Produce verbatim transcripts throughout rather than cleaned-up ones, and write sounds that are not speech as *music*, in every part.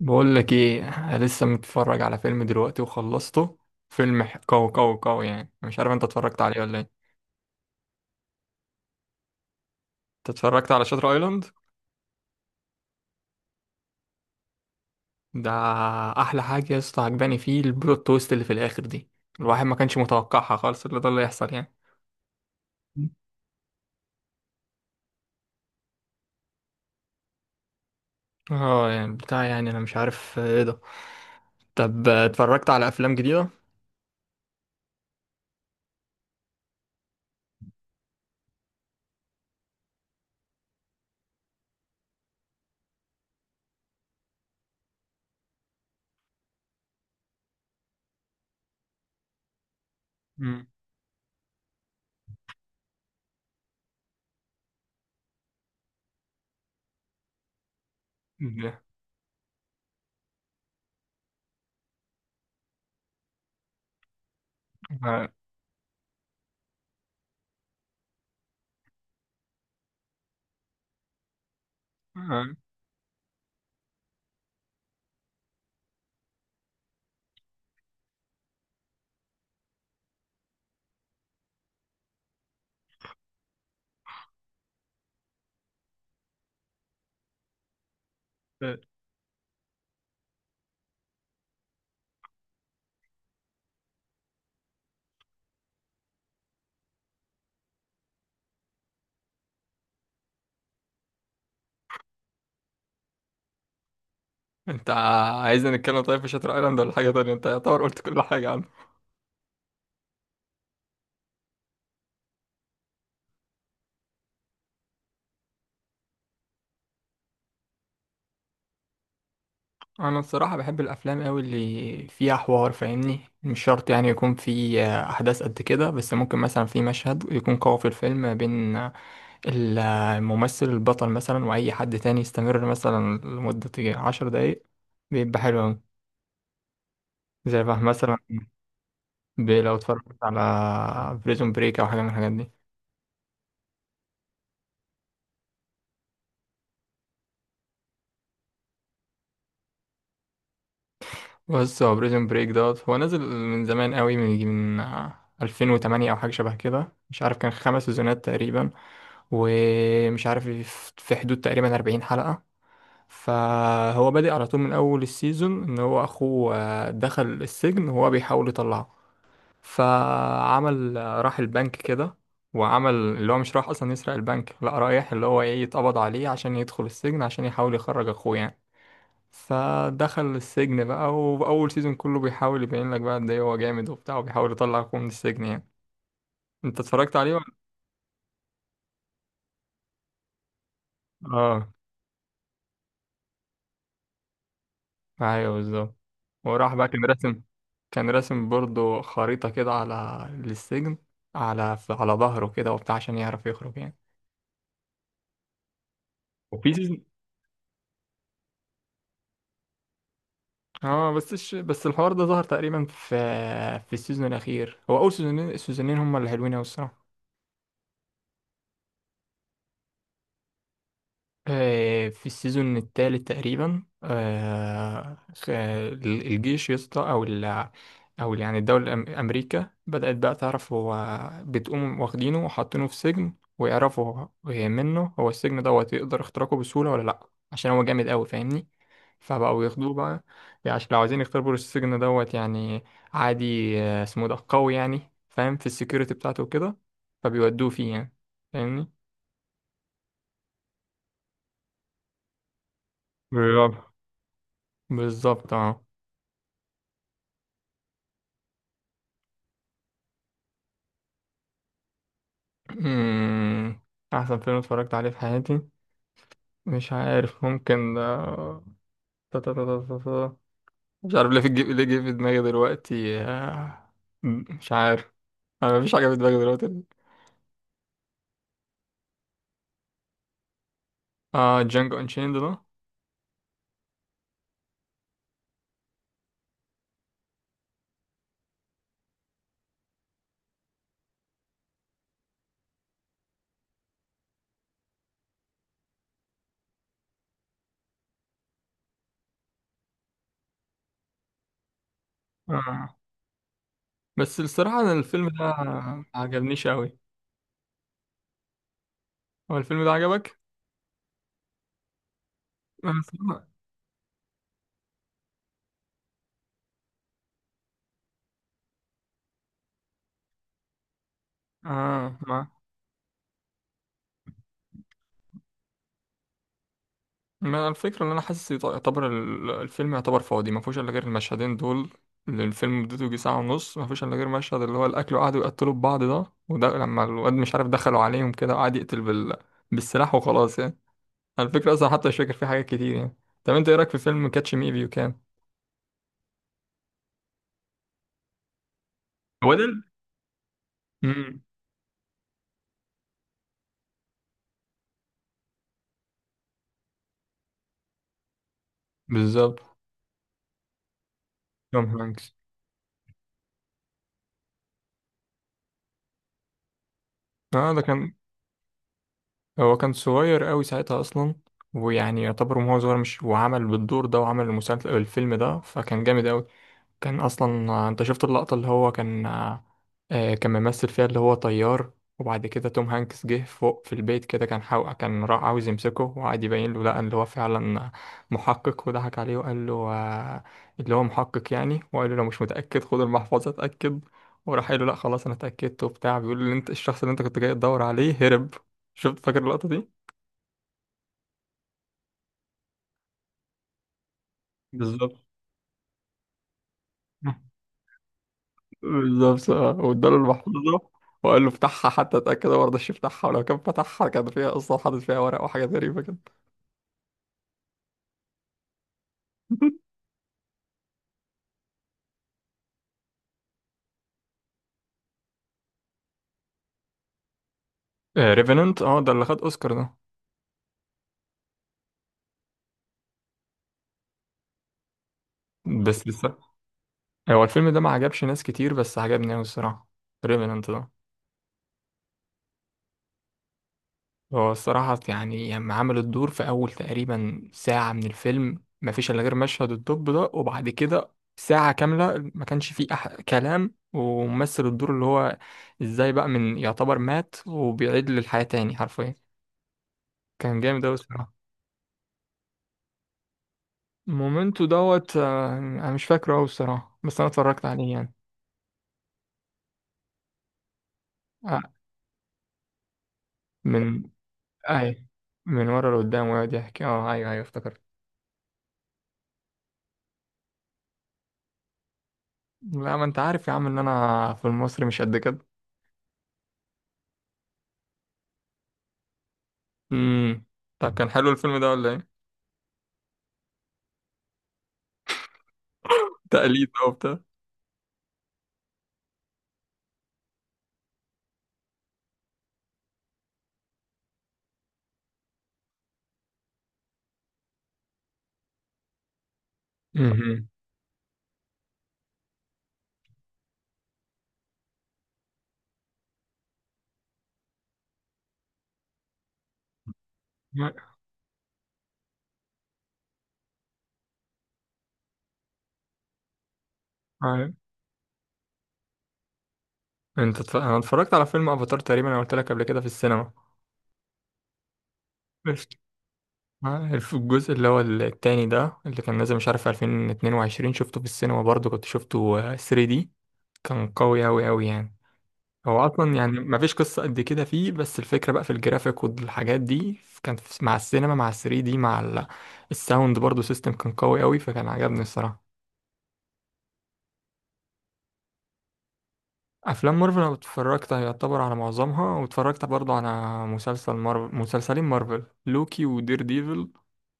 بقول لك ايه. أنا لسه متفرج على فيلم دلوقتي وخلصته. فيلم ح- قوي قوي قوي، يعني مش عارف انت اتفرجت عليه ولا ايه؟ انت اتفرجت على شاتر ايلاند ده. احلى حاجه يا اسطى عجباني فيه البلوت تويست اللي في الاخر دي، الواحد ما كانش متوقعها خالص اللي ده اللي يحصل يعني. اه يعني بتاع، يعني انا مش عارف، آه، ايه ده. طب اتفرجت على افلام جديده؟ مم. ده- آه، آه. انت عايزنا نتكلم طيب في شاتر ايلاند ولا حاجه تانية؟ انت يعتبر قلت كل حاجه. انا الصراحه بحب الافلام قوي اللي فيها حوار، فاهمني؟ مش شرط يعني يكون في آه، احداث قد كده، بس ممكن مثلا في مشهد يكون قوي في الفيلم بين ال- الممثل البطل مثلا واي حد تاني، يستمر مثلا لمده عشر دقايق، بيبقى حلو قوي. زي بقى مثلا، ب- لو اتفرجت على بريزون بريك او حاجه من الحاجات دي. بص، هو بريزون بريك دوت هو نزل من زمان قوي، من يجي من ألفين وتمانية او حاجه شبه كده. مش عارف، كان خمس سيزونات تقريبا، ومش عارف، في حدود تقريبا أربعين حلقه. فهو بادئ على طول من اول السيزون ان هو اخوه آه، دخل السجن وهو بيحاول يطلعه. فعمل آه، راح البنك كده، وعمل اللي هو مش راح اصلا يسرق البنك، لا رايح اللي هو ايه يتقبض عليه عشان يدخل السجن عشان يحاول يخرج اخوه يعني. فدخل السجن بقى، وأول سيزون كله بيحاول يبين لك بقى قد إيه هو جامد وبتاع وبيحاول يطلعكم من السجن يعني. أنت اتفرجت عليه ولا؟ آه. أيوه بالظبط. وراح بقى كان راسم، كان راسم برضه خريطة كده على للسجن، على على ظهره كده وبتاع عشان يعرف يخرج يعني. وفي سيزون، اه بس الش... بس الحوار ده ظهر تقريبا في في السيزون الأخير. هو أول سيزونين، السيزونين هما اللي حلوين أوي الصراحة. آه، في السيزون الثالث تقريبا، آه، خ- الجيش يا اسطى، او ال، او يعني الدوله الأم- امريكا بدات بقى تعرف هو بتقوم واخدينه وحاطينه في سجن ويعرفوا هو- منه هو السجن دوت يقدر اختراقه بسهوله ولا لا، عشان هو جامد قوي فاهمني. فبقوا ياخدوه بقى، يعني عشان لو عايزين يختبروا السجن دوت يعني. عادي آه، اسمه ده قوي يعني فاهم في السكيورتي بتاعته وكده، فبيودوه فيه يعني، فاهمني. بيلعب، بالظبط اه. مم. أحسن فيلم اتفرجت عليه في حياتي، مش عارف، ممكن آه، تا- تا- تا- تا- تا- تا. مش عارف ليه في الجي- ليه جه في دماغي دلوقتي آه، مش عارف، أنا مفيش حاجة في دماغي دلوقتي. اه جانجو انشيند ده، آه. بس الصراحة أنا الفيلم ده ما عجبنيش أوي. هو الفيلم ده عجبك؟ أنا الصراحة، اه ما الفكرة ان انا حاسس يط- يعتبر ال- الفيلم يعتبر فاضي، ما فيهوش الا غير المشهدين دول، اللي الفيلم مدته يجي ساعة ونص ما فيهوش الا غير مشهد اللي هو الاكل وقعدوا يقتلوا في بعض ده، وده لما الواد مش عارف دخلوا عليهم كده وقعد يقتل بال... بالسلاح وخلاص يعني. على الفكرة اصلا حتى مش فاكر فيه حاجات كتير يعني. طب انت ايه رايك في فيلم كاتش مي فيو كان؟ هو ده ال، امم، بالظبط. توم هانكس، اه ده كان، هو كان صغير قوي ساعتها اصلا، ويعني يعتبر وهو صغير مش وعمل بالدور ده وعمل المسلسل الفيلم ده فكان جامد قوي. كان اصلا آه، انت شفت اللقطة اللي هو كان آه، آه، كان ممثل فيها اللي هو طيار، وبعد كده توم هانكس جه فوق في البيت كده، كان حاو... كان راح عاوز يمسكه وقعد يبين له لا اللي هو فعلا محقق وضحك عليه وقال له آه، اللي هو محقق يعني، وقال له لو مش متأكد خد المحفظة اتأكد، وراح قال له لا خلاص انا اتأكدت وبتاع، بيقول له انت الشخص اللي انت كنت جاي تدور عليه هرب. شفت فاكر اللقطة دي؟ بالظبط، بالظبط اه، واداله المحفظة وقال له افتحها حتى اتأكد، هو مرضاش يفتحها، ولو كان فتحها كان فيها اصلا حاطط فيها ورق وحاجات غريبة كده. *laughs* ريفننت، اه Revenant، آه، ده اللي خد اوسكار ده. بس بس هو الفيلم ده ما عجبش ناس كتير بس عجبني اوي الصراحة، ريفننت ده. هو الصراحة يعني لما عمل الدور في أول تقريبا ساعة من الفيلم ما فيش إلا غير مشهد الدب ده، وبعد كده ساعة كاملة ما كانش فيه أح كلام وممثل الدور اللي هو إزاي بقى من يعتبر مات وبيعيد للحياة تاني حرفيا، كان جامد أوي الصراحة. مومنتو دوت آه، أنا مش فاكره أوي الصراحة بس أنا اتفرجت عليه يعني. آه، من أي، من ورا لقدام ويقعد يحكي، أه أيوه أيوه افتكرت. لا ما أنت عارف يا عم إن أنا في المصري مش قد كده. امم. طب كان حلو الفيلم ده ولا إيه؟ تقليد بقى وبتاع. امم. أيوة. أنت اتف... أنا اتفرجت على فيلم أفاتار تقريبا، أنا قلت لك قبل كده في السينما. بس آه، الف- الجزء اللي هو التاني ده اللي كان نازل مش عارف ألفين واتنين وعشرين شفته في السينما برضه كنت شفته آه، ثري دي، كان قوي أوي أوي يعني. هو أصلا يعني مفيش قصة قد كده فيه، بس الفكرة بقى في الجرافيك والحاجات دي كان في- مع السينما مع ثري دي مع ال- الساوند برضو سيستم كان قوي أوي، فكان عجبني الصراحة. أفلام مارفل أنا اتفرجت يعتبر على معظمها، واتفرجت برضو على مسلسل مارفل، مسلسلين مارفل، لوكي ودير ديفل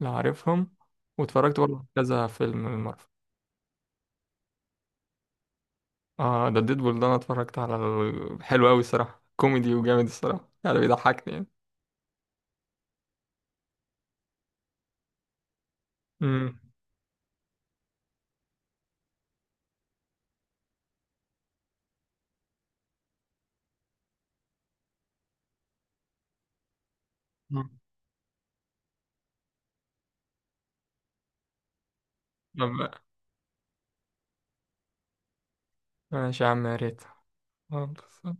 لو عارفهم، واتفرجت برضو على كذا فيلم مارفل. اه ده ديدبول ده أنا اتفرجت على ال... حلو أوي الصراحة، كوميدي وجامد الصراحة يعني بيضحكني يعني. امم. ماشي يا عم، يا ريت. خلاص.